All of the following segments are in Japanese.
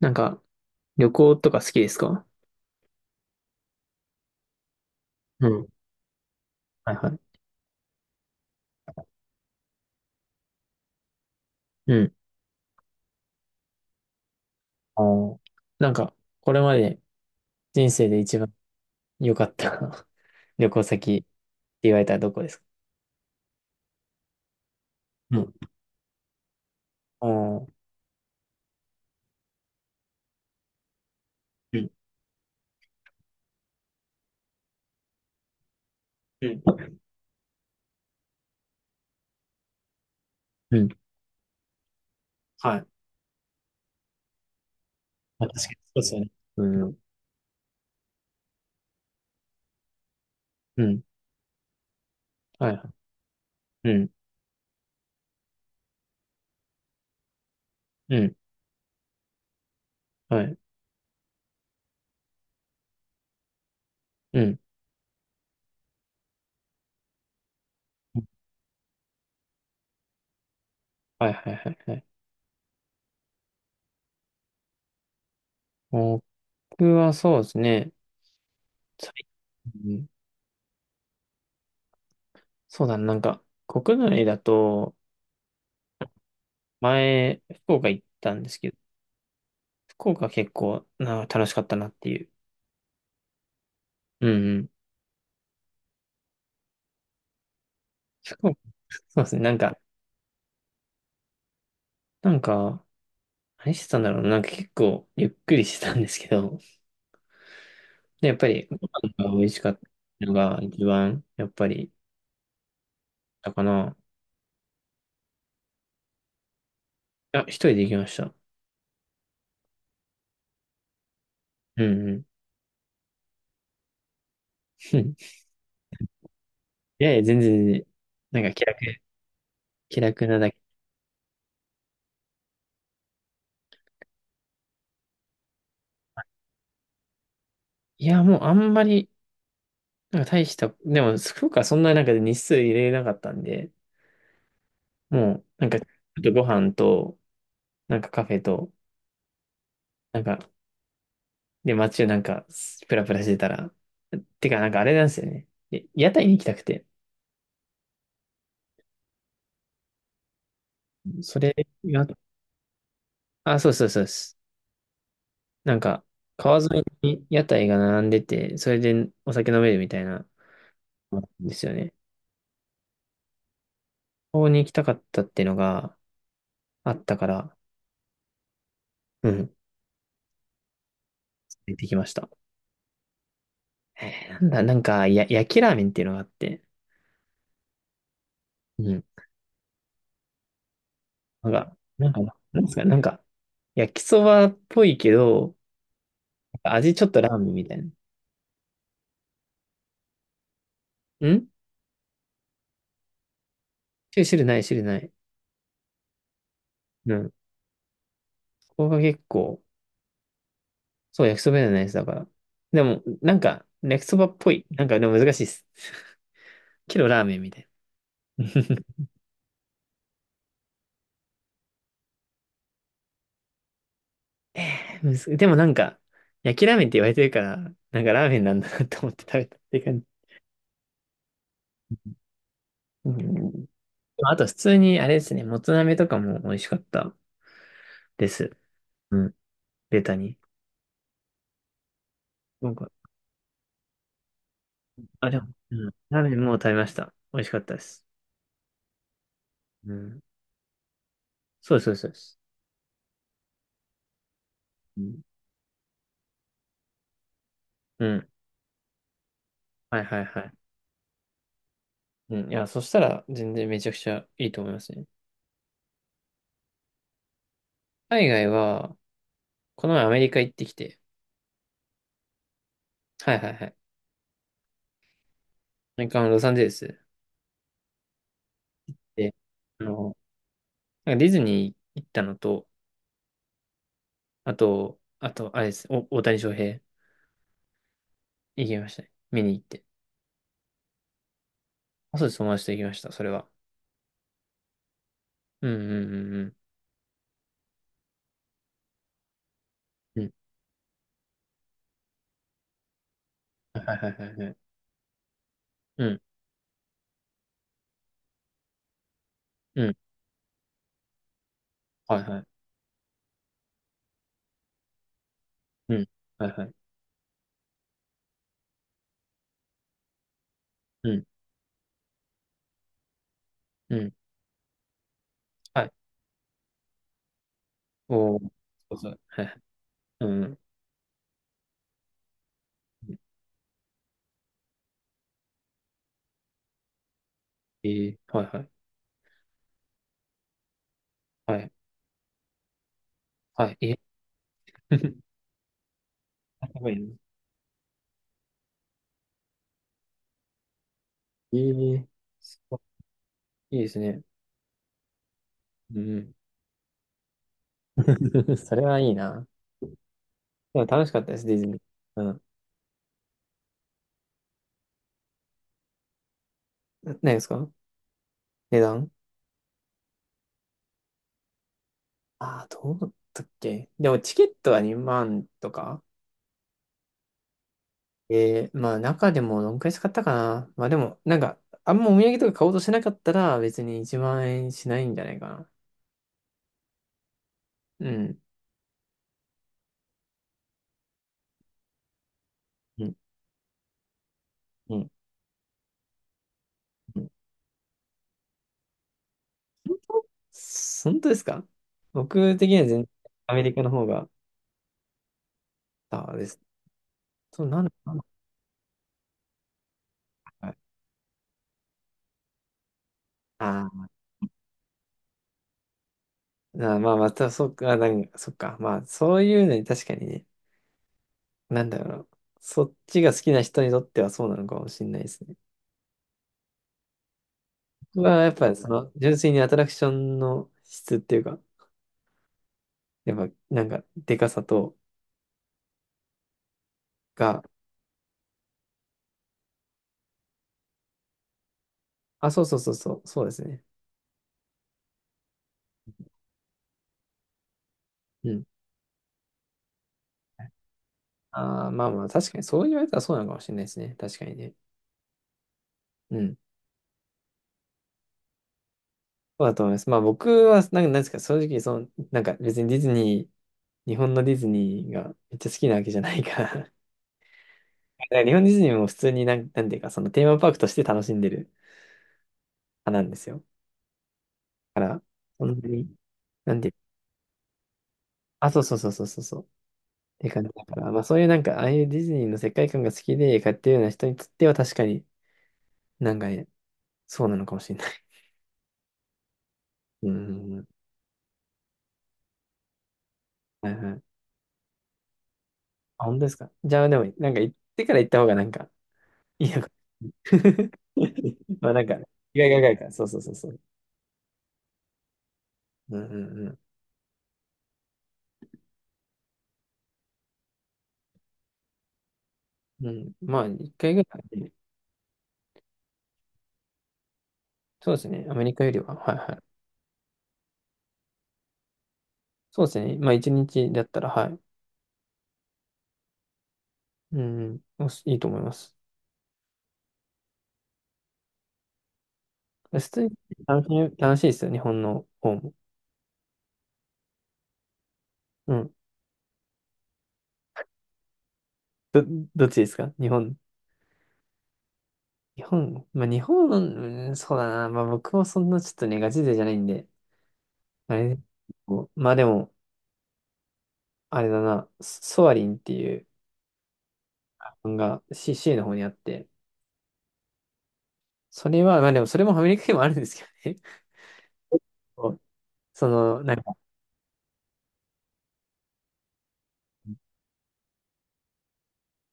なんか、旅行とか好きですか？うん。はいはい。うん。あーなんか、これまで人生で一番良かった 旅行先って言われたらどこですか？うん。あー、うん。うんうん。はい。まあ、確かにそうですよね。うん。うん。はいはい。うん。うん。はい。うん。はいはいはいはい。僕はそうですね。最近、そうだな、なんか、国内だと、前、福岡行ったんですけど、福岡結構な楽しかったなっていう。うんうん。そう、そうですね。なんか、なんか、何してたんだろうな。なんか結構ゆっくりしてたんですけど、で、やっぱりご飯が美味しかったのが一番、やっぱり、だかな。あ、一人で行きました。うんうん。いやいや、全然、なんか気楽、気楽なだけ。いや、もうあんまり、なんか大した、でも、福岡はそんななんか日数入れなかったんで、もう、なんか、ちょっとご飯と、なんかカフェと、なんか、で、街をなんか、プラプラしてたら、てか、なんかあれなんですよね。で屋台に行きたくて、それが、あ、そうそうそうです。なんか、川沿いに屋台が並んでて、それでお酒飲めるみたいな、ですよね。ここに行きたかったっていうのがあったから、うん、行ってきました。なんだ、なんか、や、焼きラーメンっていうのがあって、うん、なんか、なんですか、なんか、焼きそばっぽいけど、味ちょっとラーメンみたいな。ん汁ない、汁ない。うん。ここが結構、そう、焼きそばじゃないです、だから。でも、なんか、焼きそばっぽい。なんか、でも難しいです。けどラーメンみたいな。むずでもなんか、焼きラーメンって言われてるから、なんかラーメンなんだなと思って食べたっていう感じ。うん。あと、普通に、あれですね、もつ鍋とかも美味しかったです。うん。ベタに。なんか、あ、でも、うん。ラーメンもう食べました。美味しかったです。うん。そうです、そうです。そうです、うん。うん。はいはいはい。うん。いや、そしたら、全然めちゃくちゃいいと思いますね。海外は、この前アメリカ行ってきて、はいはいはい。アメリカのロサンゼルスで、あの、なんかディズニー行ったのと、あと、あれです、大谷翔平行きましたね。見に行って。あ、そうです、友達と行きました、それは。うんうんうんうん。うん。はいはいはいはい。うん、うん、はいはい。うん、はいはい。うん、うん、はい。おー、そうそう。はいはい。うん、うん。えー、はいはい。はい、はい、えー、やばいね。えー、すごいいいですね。うんうん。それはいいな。でも楽しかったです、ディズニー。うん。何ですか？値段。ああー、どうだったっけ、でもチケットは2万とか。えー、まあ中でもどんくらい使ったかな、まあでも、なんか、あんまお土産とか買おうとしなかったら別に1万円しないんじゃないかな。うん。うん。うん。うん、本当ですか？僕的には全然アメリカの方が、あです。そう、なん、なんああー、まあまあ、また、そっか、なんか、そっか。まあ、そういうのに確かにね。なんだろうな。そっちが好きな人にとってはそうなのかもしれないですね。僕はやっぱりその純粋にアトラクションの質っていうか、やっぱなんかでかさとが、あ、そうそうそうそう、そうですね。うん。ああ、まあまあ確かにそう言われたらそうなのかもしれないですね。確かにね。うん。そうだと思います。まあ僕はなんかなんですか、正直その、なんか別にディズニー、日本のディズニーがめっちゃ好きなわけじゃないから だから日本ディズニーも普通になんていうかそのテーマパークとして楽しんでる派なんですよ。から、そんなに、なんで、あ、そうそうそうそうそうそう。って感じだから、まあそういうなんか、ああいうディズニーの世界観が好きで買ってるような人にとっては確かになんかね、そうなのかもしれない。うんうんうん。はいはい。あ、本当ですか。じゃあでも、なんか行ってから行った方がなんか。 まあなんか、意外が意外か。そうそうそうそう。うんうんうん。うん。まあ、一回ぐらいで、そうですね。アメリカよりは。はいはい。そうですね。まあ一日だったら、はい。うんうん、おしいいと思います。普通に楽しい、楽しいですよ、日本の方も。うん。ど、どっちですか？日本。日本、まあ日本の、うん、そうだな。まあ僕もそんなちょっとね、ガチ勢じゃないんで、あれね、まあでも、あれだな、ソソアリンっていう漫画、CC の方にあって、それは、まあでもそれもアメリカにもあるんですけどね。そう、その、なんか、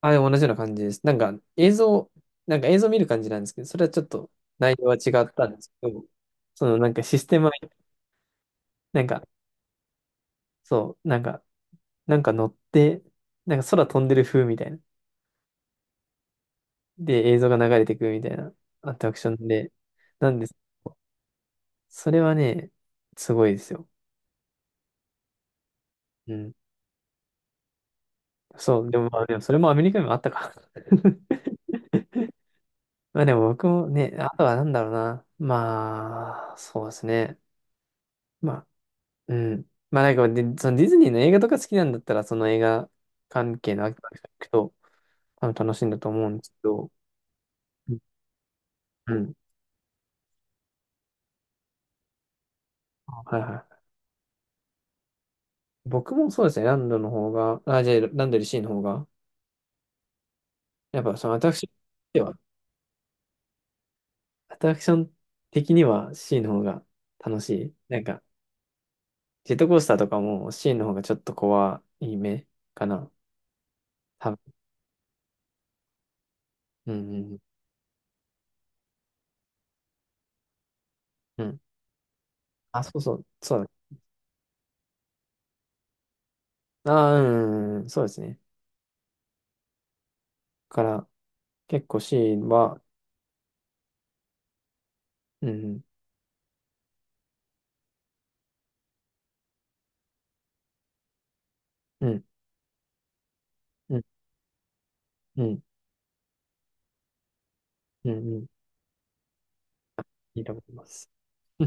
あ、でも同じような感じです。なんか映像、なんか映像見る感じなんですけど、それはちょっと内容は違ったんですけど、そのなんかシステムは、なんか、そう、なんか、なんか乗って、なんか空飛んでる風みたいな。で、映像が流れてくるみたいなアトラクションで、なんです。それはね、すごいですよ。うん。そう、でもまあ、でもそれもアメリカにもあったか。まあでも僕もね、あとはなんだろうな。まあ、そうですね。まあ、うん。まあなんかで、そのディズニーの映画とか好きなんだったら、その映画関係のアクト行くと、多分楽しいんだと思うんですけど、うん。うん、はいはい。僕もそうですね、ランドの方が、あ、じゃあランドよりシーの方が、やっぱその私ではアトラクション的には C の方が楽しい。なんか、ジェットコースターとかも C の方がちょっと怖い目かな。多分。うんうんうん。うん、あ、そうそう。そうだ。ああ、うんうんうん。そうですね。だから、結構 C は、うんうん。うんうんうん。うんうん。いいと思います。